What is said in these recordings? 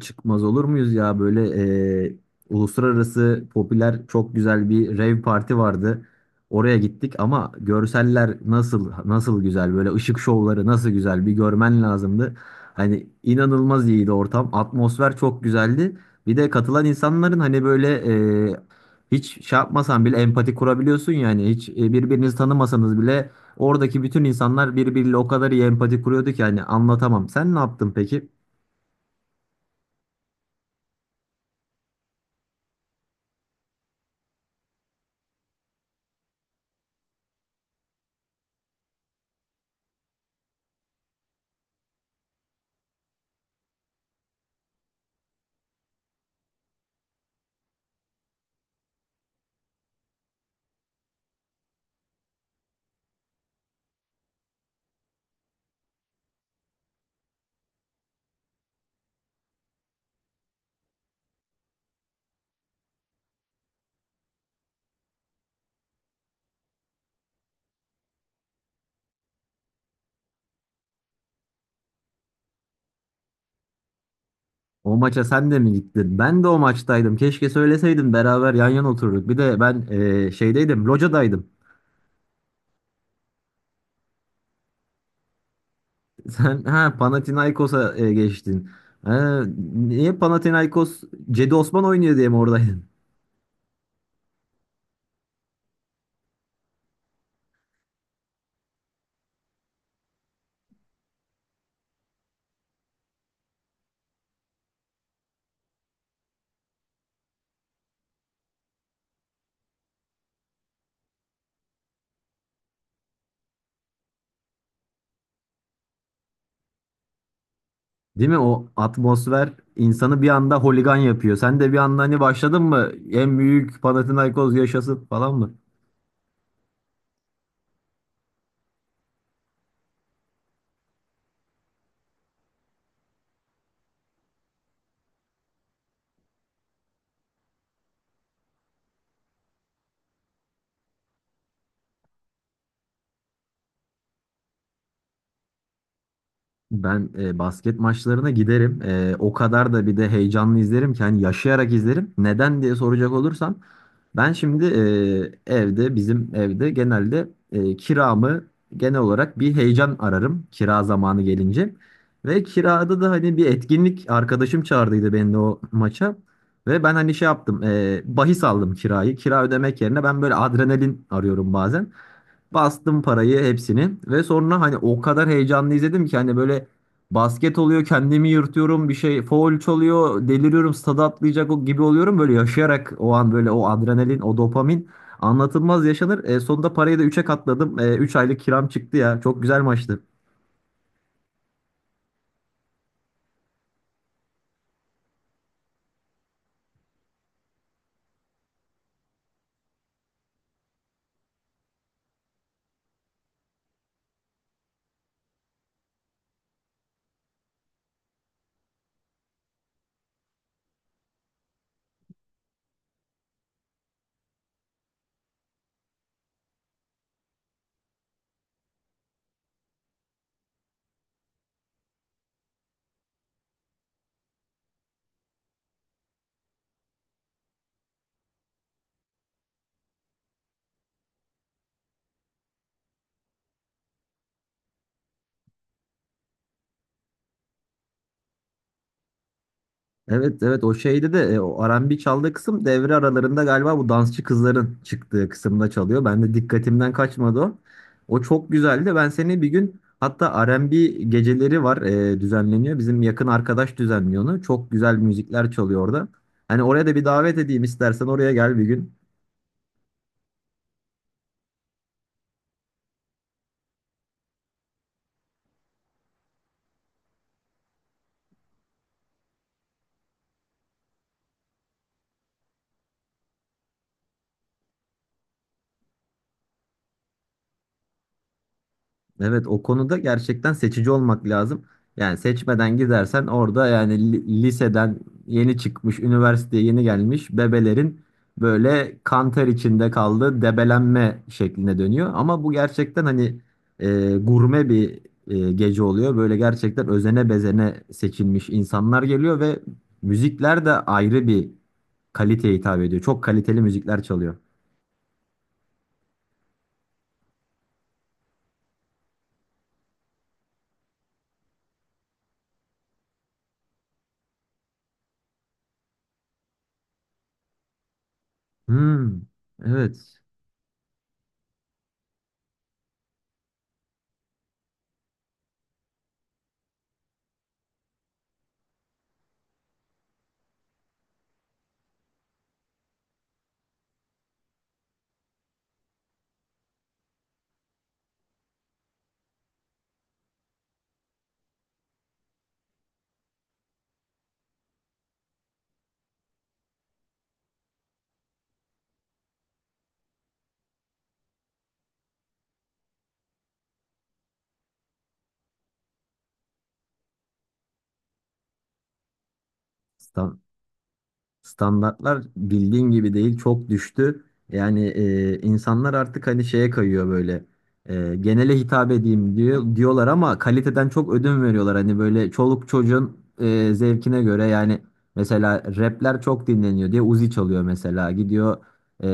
Çıkmaz olur muyuz ya böyle e, uluslararası popüler çok güzel bir rave parti vardı. Oraya gittik ama görseller nasıl nasıl güzel böyle ışık şovları nasıl güzel bir görmen lazımdı. Hani inanılmaz iyiydi ortam. Atmosfer çok güzeldi. Bir de katılan insanların hani böyle e, hiç şey yapmasan bile empati kurabiliyorsun yani birbirinizi tanımasanız bile oradaki bütün insanlar birbiriyle o kadar iyi empati kuruyordu ki hani anlatamam. Sen ne yaptın peki? O maça sen de mi gittin? Ben de o maçtaydım. Keşke söyleseydin beraber yan yana otururduk. Bir de ben şeydeydim, locadaydım. Sen ha Panathinaikos'a geçtin. Ha, niye Panathinaikos Cedi Osman oynuyor diye mi oradaydın? Değil mi? O atmosfer insanı bir anda holigan yapıyor. Sen de bir anda hani başladın mı? En büyük Panathinaikos yaşasın falan mı? Ben basket maçlarına giderim. O kadar da bir de heyecanlı izlerim ki hani yaşayarak izlerim. Neden diye soracak olursam ben şimdi, e, evde bizim evde genelde kiramı genel olarak bir heyecan ararım kira zamanı gelince. Ve kirada da hani bir etkinlik arkadaşım çağırdıydı beni de o maça. Ve ben hani şey yaptım, bahis aldım kirayı. Kira ödemek yerine ben böyle adrenalin arıyorum bazen. Bastım parayı hepsini ve sonra hani o kadar heyecanlı izledim ki hani böyle basket oluyor kendimi yırtıyorum bir şey foul çalıyor deliriyorum stada atlayacak o gibi oluyorum böyle yaşayarak o an böyle o adrenalin o dopamin anlatılmaz yaşanır. Sonunda parayı da üçe katladım. Üç aylık kiram çıktı ya çok güzel maçtı. Evet, evet, o şeyde de o R&B çaldığı kısım devre aralarında galiba bu dansçı kızların çıktığı kısımda çalıyor. Ben de dikkatimden kaçmadı o. O çok güzeldi. Ben seni bir gün hatta R&B geceleri var, düzenleniyor. Bizim yakın arkadaş düzenliyor onu. Çok güzel müzikler çalıyor orada. Hani oraya da bir davet edeyim istersen, oraya gel bir gün. Evet, o konuda gerçekten seçici olmak lazım. Yani seçmeden gidersen orada yani liseden yeni çıkmış, üniversiteye yeni gelmiş bebelerin böyle kanter içinde kaldığı debelenme şekline dönüyor. Ama bu gerçekten hani gurme bir gece oluyor. Böyle gerçekten özene bezene seçilmiş insanlar geliyor ve müzikler de ayrı bir kaliteye hitap ediyor. Çok kaliteli müzikler çalıyor. Hmm, evet. Standartlar bildiğin gibi değil, çok düştü. Yani insanlar artık hani şeye kayıyor böyle. Genele hitap edeyim diyorlar ama kaliteden çok ödün veriyorlar. Hani böyle çoluk çocuğun zevkine göre yani mesela rapler çok dinleniyor diye Uzi çalıyor mesela. Gidiyor, e,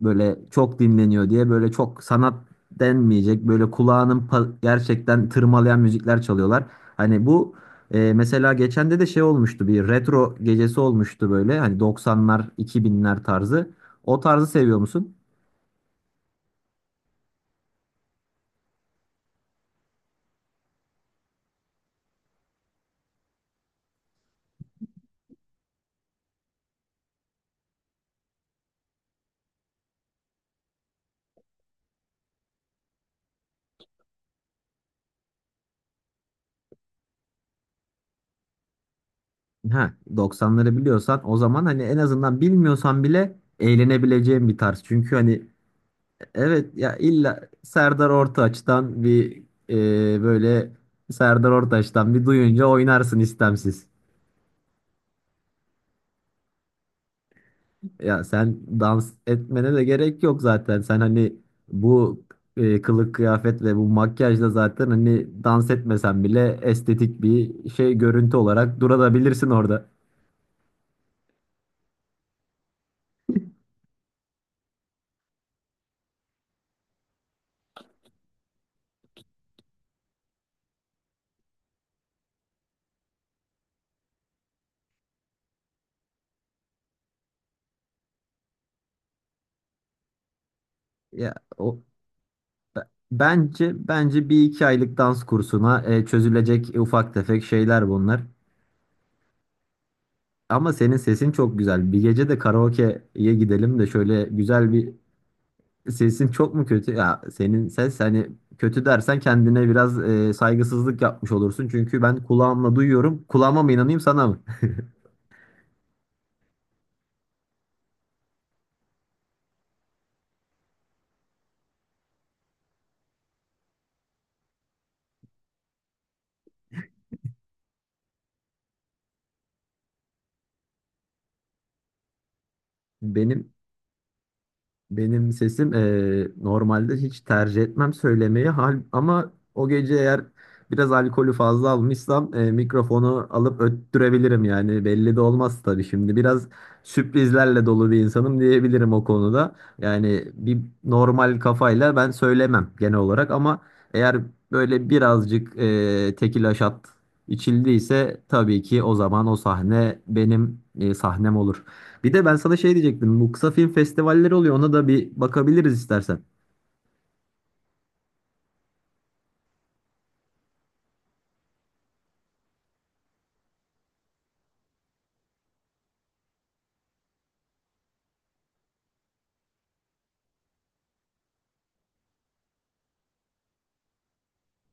böyle çok dinleniyor diye böyle çok sanat denmeyecek böyle kulağının gerçekten tırmalayan müzikler çalıyorlar. Hani bu mesela geçen de şey olmuştu, bir retro gecesi olmuştu böyle hani 90'lar 2000'ler tarzı. O tarzı seviyor musun? Ha, 90'ları biliyorsan o zaman hani en azından bilmiyorsan bile eğlenebileceğin bir tarz. Çünkü hani evet, ya illa Serdar Ortaç'tan bir e, böyle Serdar Ortaç'tan bir duyunca oynarsın istemsiz. Ya sen dans etmene de gerek yok zaten. Sen hani bu kılık kıyafet ve bu makyajla zaten hani dans etmesen bile estetik bir şey, görüntü olarak durabilirsin orada. Ya o b- bence bir iki aylık dans kursuna çözülecek ufak tefek şeyler bunlar. Ama senin sesin çok güzel. Bir gece de karaoke'ye gidelim de şöyle güzel bir... Sesin çok mu kötü? Ya senin ses hani kötü dersen kendine biraz saygısızlık yapmış olursun. Çünkü ben kulağımla duyuyorum. Kulağıma mı inanayım sana mı? Benim Benim sesim normalde hiç tercih etmem söylemeyi hal, ama o gece eğer biraz alkolü fazla almışsam mikrofonu alıp öttürebilirim yani belli de olmaz tabii, şimdi biraz sürprizlerle dolu bir insanım diyebilirim o konuda. Yani bir normal kafayla ben söylemem genel olarak, ama eğer böyle birazcık tekila şat içildiyse tabii ki o zaman o sahne benim, sahnem olur. Bir de ben sana şey diyecektim. Bu kısa film festivalleri oluyor. Ona da bir bakabiliriz istersen.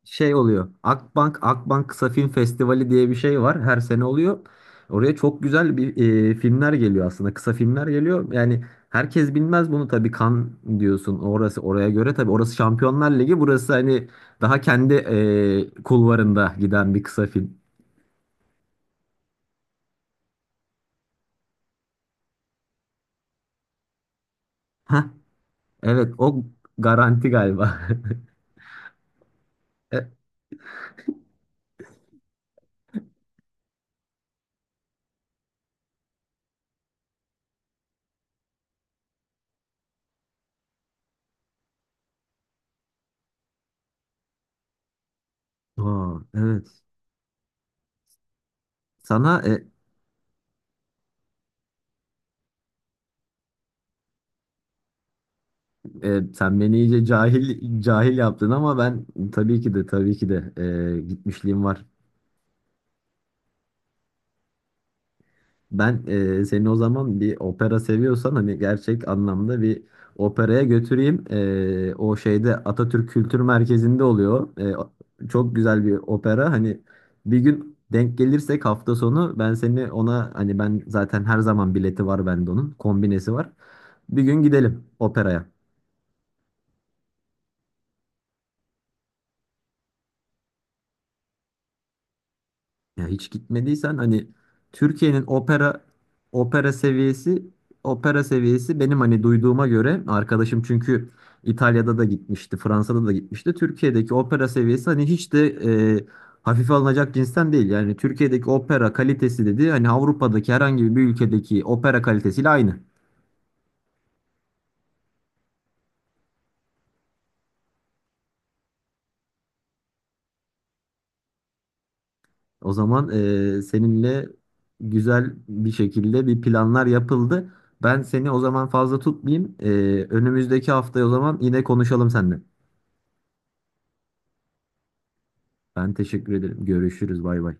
Şey oluyor, Akbank Kısa Film Festivali diye bir şey var. Her sene oluyor. Oraya çok güzel bir, filmler geliyor aslında. Kısa filmler geliyor. Yani herkes bilmez bunu tabii. Kan diyorsun. Orası oraya göre tabii. Orası Şampiyonlar Ligi. Burası hani daha kendi kulvarında giden bir kısa film. Hah, evet, o Garanti galiba. E, aa, evet. Sana Sen beni iyice cahil cahil yaptın ama ben tabii ki de, tabii ki de gitmişliğim var. Ben seni o zaman, bir opera seviyorsan hani gerçek anlamda bir operaya götüreyim. O şeyde, Atatürk Kültür Merkezi'nde oluyor. Çok güzel bir opera. Hani bir gün denk gelirsek hafta sonu ben seni ona, hani ben zaten her zaman bileti var bende, onun kombinesi var. Bir gün gidelim operaya. Ya hiç gitmediysen hani Türkiye'nin opera seviyesi opera seviyesi benim hani duyduğuma göre arkadaşım, çünkü İtalya'da da gitmişti, Fransa'da da gitmişti. Türkiye'deki opera seviyesi hani hiç de e, hafife alınacak cinsten değil. Yani Türkiye'deki opera kalitesi dedi hani Avrupa'daki herhangi bir ülkedeki opera kalitesiyle aynı. O zaman seninle güzel bir şekilde bir planlar yapıldı. Ben seni o zaman fazla tutmayayım. Önümüzdeki haftaya o zaman yine konuşalım seninle. Ben teşekkür ederim. Görüşürüz. Bay bay.